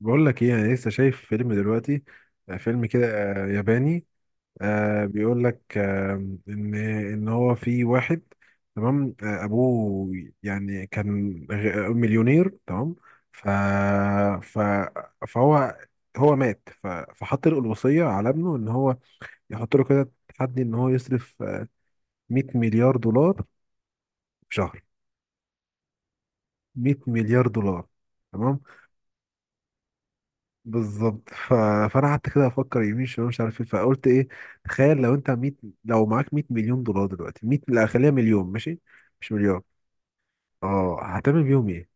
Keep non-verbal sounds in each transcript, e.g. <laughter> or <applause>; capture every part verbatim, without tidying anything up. بقول لك ايه، انا لسه شايف فيلم دلوقتي. آه، فيلم كده، آه، ياباني. آه، بيقول لك آه ان ان هو في واحد، تمام، آه، ابوه يعني كان غ- مليونير، تمام. ف ف فهو هو مات ف... فحط له الوصية على ابنه ان هو يحط له كده تحدي ان هو يصرف آه، مية مليار دولار في شهر. مية مليار دولار، تمام. بالظبط. ف... فانا قعدت كده افكر يمين شمال، مش عارف ايه، فقلت ايه؟ تخيل لو انت مية لو معاك مية مليون دولار دلوقتي. مية لا خليها مليون، ماشي، مش مليار. اه، هتعمل بيهم ايه؟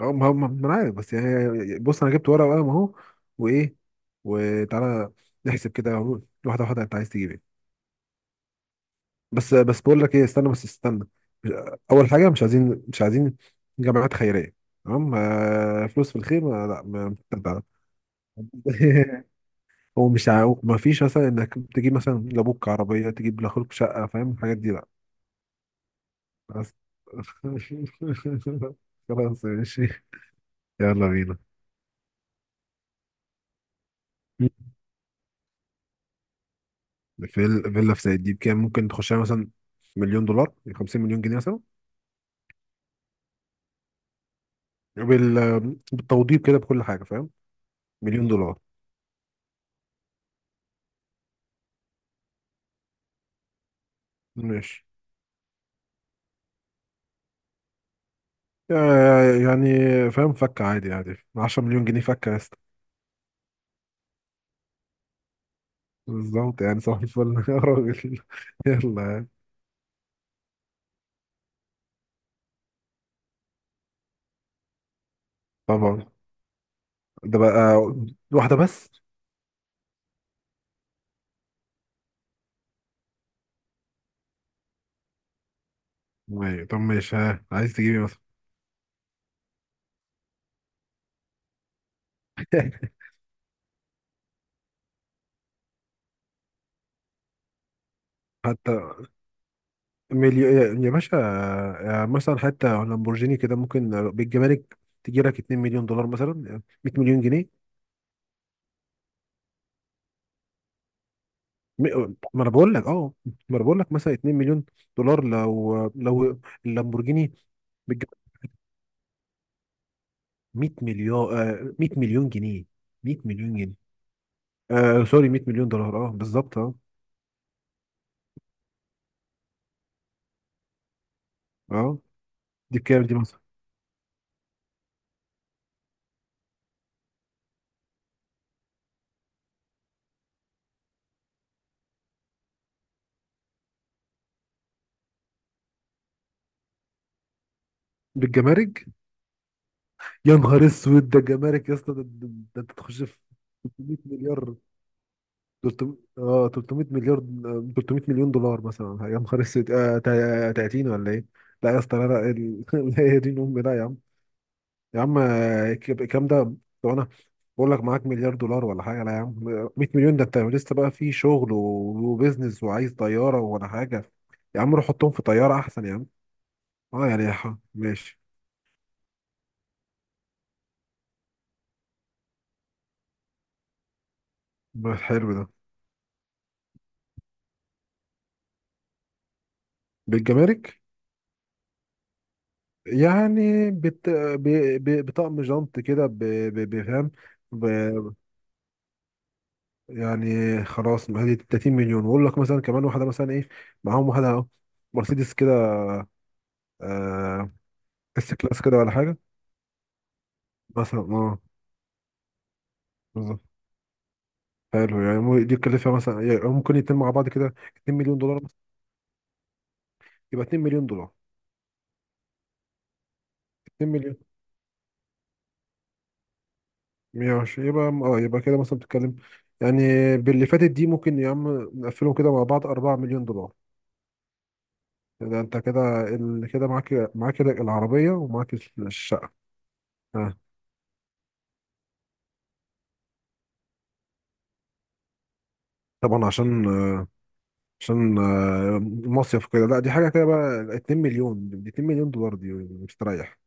اه، ما ما- ما انا عارف، بس يعني بص، انا جبت ورقه وقلم اهو، وايه، وتعالى نحسب كده اهو، واحده واحده. انت عايز تجيب ايه؟ بس بس بقول لك ايه، استنى بس استنى. اول حاجه، مش عايزين مش عايزين جمعيات خيريه، تمام. آه، فلوس في الخير، ما- لا، ما <laughs> هو مش عاو... ما فيش مثلا انك تجيب مثلا لابوك عربيه، تجيب لاخوك شقه، فاهم الحاجات دي؟ لا. بس <laughs> خلاص ماشي، يلا بينا. <laughs> فيل فيلا في سيد دي بكام ممكن تخشها؟ مثلا مليون دولار، خمسين مليون جنيه مثلا. بال... بالتوضيب كده، بكل حاجه، فاهم، مليون دولار. ماشي. يا- يعني فاهم، فكه عادي عادي. عشرة مليون جنيه فكه يا اسطى. بالظبط، يعني صباح الفل. <laughs> يا راجل، يلا. طبعا، ده بقى واحده بس. ماشي، طب ماشي، ها، عايز تجيبي مثلا. <laughs> حتى مليون، يا يا باشا، يا مثلا حتى لامبورجيني كده ممكن بالجمارك تجي لك اتنين مليون دولار مثلا، مية مليون جنيه. م- ما انا بقول لك اه، ما انا بقول لك مثلا اتنين مليون دولار لو لو اللامبورجيني. بالج- مية مليون، آه، مية مليون جنيه. مية مليون جنيه آه سوري، مية مليون دولار، اه بالظبط، اه. اه، دي بكام دي مثلا؟ بالجمارك. يا نهار اسود، ده جمارك يا اسطى، ده ده- ده انت تخش في ثلاثمية مليار. تلتمية اه تلتمية مليار، تلتمية مليون دولار مثلا. يا نهار اسود، آه، تا- تلاتين، ولا ايه؟ لا يا اسطى، لا لا ال- <laughs> لا يا دين امي، لا يا عم. يا عم، آه، ك- الكلام ده، طب انا بقول لك معاك مليار دولار ولا حاجه؟ لا يا عم، مية مليون ده انت لسه بقى في شغل و- وبيزنس، وعايز طياره ولا حاجه. يا عم، روح حطهم في طياره احسن يا عم. اه يعني ح- ماشي. حلو ده، بالجمارك. يعني بت... ب... ب... بطقم جنط كده، ب... ب... بفهم. ب... يعني خلاص، ما هذه تلاتين مليون. واقول لك مثلا كمان واحده مثلا ايه معاهم، واحده اهو، مرسيدس كده، آه... اس كلاس كده ولا حاجه مثلا، اه. بالظبط، حلو، يعني مو- دي تكلفها مثلا، يعني ممكن يتم مع بعض كده اتنين مليون دولار مثلا. يبقى اتنين مليون دولار. اتنين مليون، مية وعشرين يبقى اه، يبقى كده مثلا بتتكلم، يعني باللي فاتت دي ممكن يا عم نقفلهم كده مع بعض اربعة مليون دولار. ده انت كده ال... كده معاك معاك العربية ومعاك الشقة. آه. طبعا، عشان عشان آه، مصيف كده، لا دي حاجة كده بقى. اتنين مليون دي، اتنين مليون دولار دي، مستريح.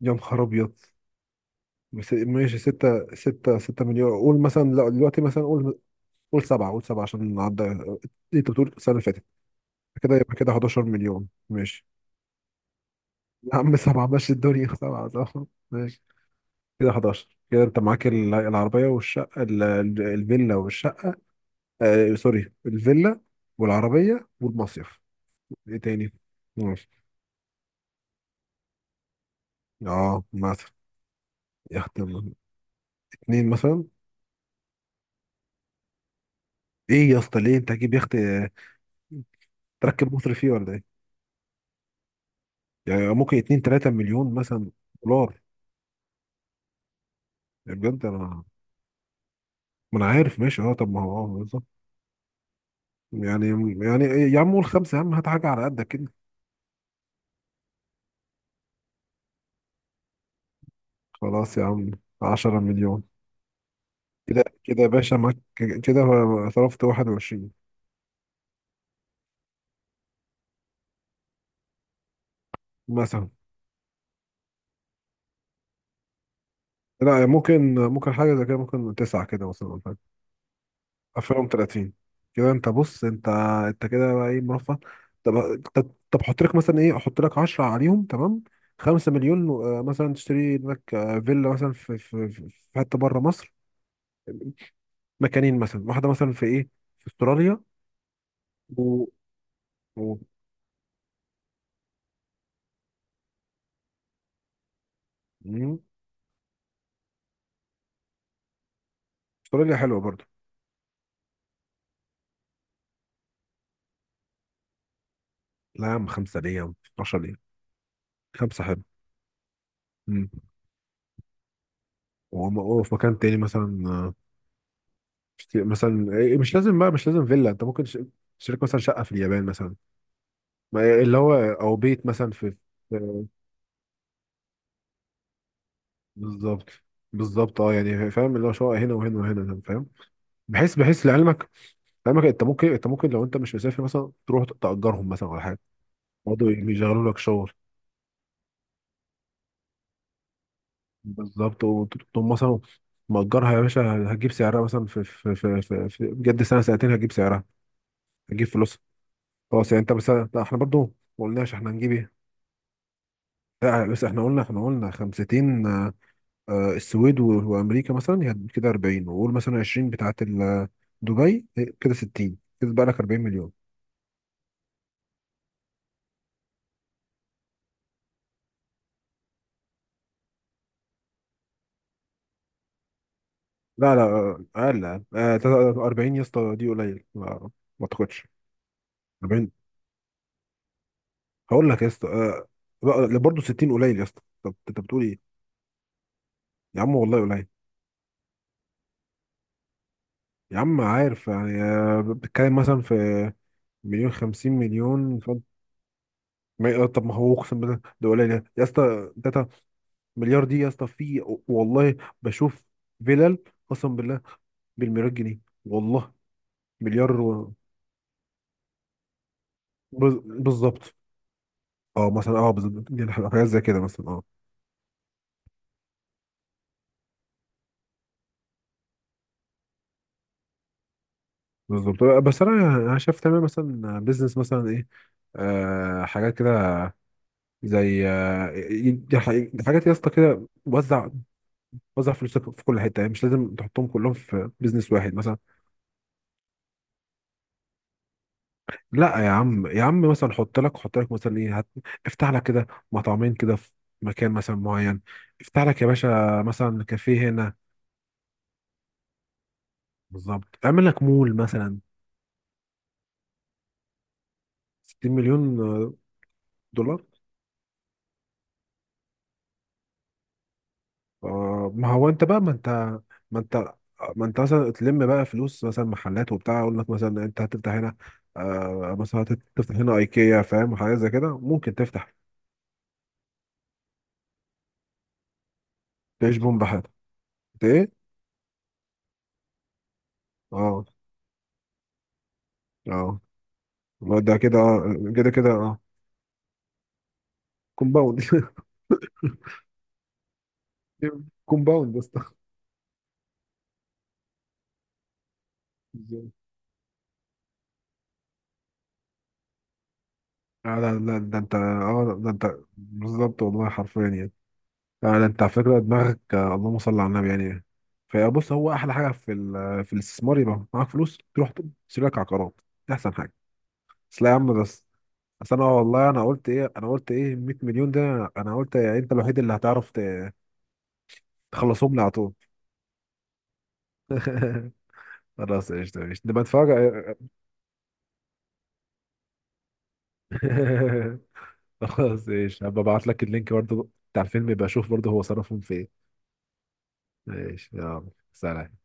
يا نهار أبيض. بس- ماشي ستة. ستة ستة مليون قول مثلا. لا دلوقتي مثلا قول، قول سبعة. قول سبعة عشان نعدي، انت بتقول السنة اللي فاتت، كده يبقى كده حداشر مليون، ماشي. يا عم سبعة، ماشي الدنيا <laughs> سبعة سبعة، ماشي. كده احداعشر كده، انت معاك ال- العربية والشقة، ال- ال- الفيلا والشقة، آه سوري، الفيلا والعربية والمصيف. ايه تاني؟ ماشي. اه مثلا، يخت. اتنين مثلا. ايه يا اسطى، ليه انت هتجيب يخت؟ آه، تركب مصر فيه ولا ايه؟ يعني ممكن اتنين تلاتة مليون مثلا، دولار. يعني بجد انا، ما انا عارف. ماشي، اه. طب ما هو اه بالظبط، يعني. يعني إيه، يا عم قول خمسة، يا عم هات حاجة على قدك كده. خلاص يا عم، عشرة مليون. كده كده يا باشا معاك كده صرفت واحد وعشرين. مثلا، لا ممكن، ممكن حاجة زي كده، ممكن تسعة كده مثلا. الفين وتلاتين كده. انت بص، انت انت كده بقى ايه، مرفه. طب طب طب حط لك مثلا ايه، احط لك عشرة عليهم، تمام، خمسة مليون. آه، مثلا تشتري لك آه، فيلا مثلا في في في في حته بره مصر، مكانين مثلا، واحده مثلا في ايه، في استراليا، و... و... مم. استراليا حلوه برضو. لا يا عم خمسه، ليه يا عم اتناشر ليه؟ خمسه حلو. مم. وم- وفي مكان تاني مثلا، آه، مثلا إيه، مش لازم بقى، مش لازم فيلا، انت ممكن ش- تشتري لك مثلا شقه في اليابان مثلا، ما هي اللي هو او بيت مثلا في. في- بالظبط، بالظبط، اه يعني فاهم، اللي هو شقق هنا وهنا وهنا، فاهم. بحيث بحيث لعلمك، لعلمك انت ممكن، انت ممكن لو انت مش مسافر مثلا تروح تأجرهم مثلا ولا حاجه، برضه يشغلوا لك شغل. بالظبط. وتقوم مثلا مأجرها يا باشا، هتجيب سعرها مثلا في في في في, في بجد سنه سنتين هتجيب سعرها، هتجيب فلوسها. خلاص، يعني انت مثلا. لا احنا برضه ما قلناش احنا هنجيب ايه. لا بس احنا قلنا، احنا قلنا خمسين، آه، السويد و- وامريكا مثلا، يعني كده اربعين، وقول مثلا عشرين بتاعه ال- دبي، كده ستين، كده بقى لك اربعين مليون. لا لا، آه، اقل، أقل. آه، تلاتة- اربعين يا اسطى دي قليل، ما ما اعتقدش. اربعين. هقول لك يا اسطى، آه، بقى- برضه ستين قليل يا اسطى، طب انت بتقول ايه؟ يا عم والله قليل. يا عم، عارف يعني آه، بتتكلم مثلا في مليون خمسين مليون، فانت- ما- آه، طب ما هو اقسم بالله ده قليل يا اسطى. مليار دي يا اسطى، في والله، بشوف فيلل، قسم بالله، بالمليار جنيه والله. مليار و... بز- بالظبط. اه مثلا، اه بالظبط، دي حاجات زي كده مثلا، اه بالظبط. بس انا انا شايف تمام، مثلا بيزنس مثلا ايه، آه حاجات كده، زي آه ي- ي- حاجات يا اسطى كده. وزع، وزع فلوسك في كل حته، يعني مش لازم تحطهم كلهم في بيزنس واحد مثلا. لا يا عم، يا عم مثلا حط لك، حط لك مثلا ايه، هت... افتح لك كده مطعمين كده في مكان مثلا معين، افتح لك يا باشا مثلا كافيه هنا. بالظبط، اعمل لك مول مثلا. ستين مليون دولار. آه ما هو انت بقى، ما انت ما انت ما انت مثلا تلم بقى فلوس مثلا، محلات وبتاع، اقول لك مثلا انت هتفتح هنا آه مثلا، هت- هتفتح هنا ايكيا، فاهم حاجه زي كده ممكن تفتح. تعيش بوم بحالك انت. ايه؟ اه، اه، والله ده كده آه، كده كده اه، كومباوند. <laughs> كومباوند بس. لا لا لا، ده انت اه، ده انت بالظبط والله حرفيا يعني. لا ده انت على فكره دماغك، آه، اللهم صل على النبي يعني. فبص، هو احلى حاجه في ال- في الاستثمار، يبقى معاك فلوس تروح تشتري لك عقارات، دي احسن حاجه. بس، لا يا عم بس، بس انا والله انا قلت ايه، انا قلت ايه، مية مليون، ده انا قلت يعني انت الوحيد اللي هتعرف ت- تخلصهم لي على طول. <laughs> خلاص، ايش ده، ايش نبقى نتفاجئ. <laughs> خلاص، ايش، هبقى ابعت لك اللينك برضه بتاع الفيلم، يبقى شوف برضه هو صرفهم في إيه. ماشي، يلا، سلام.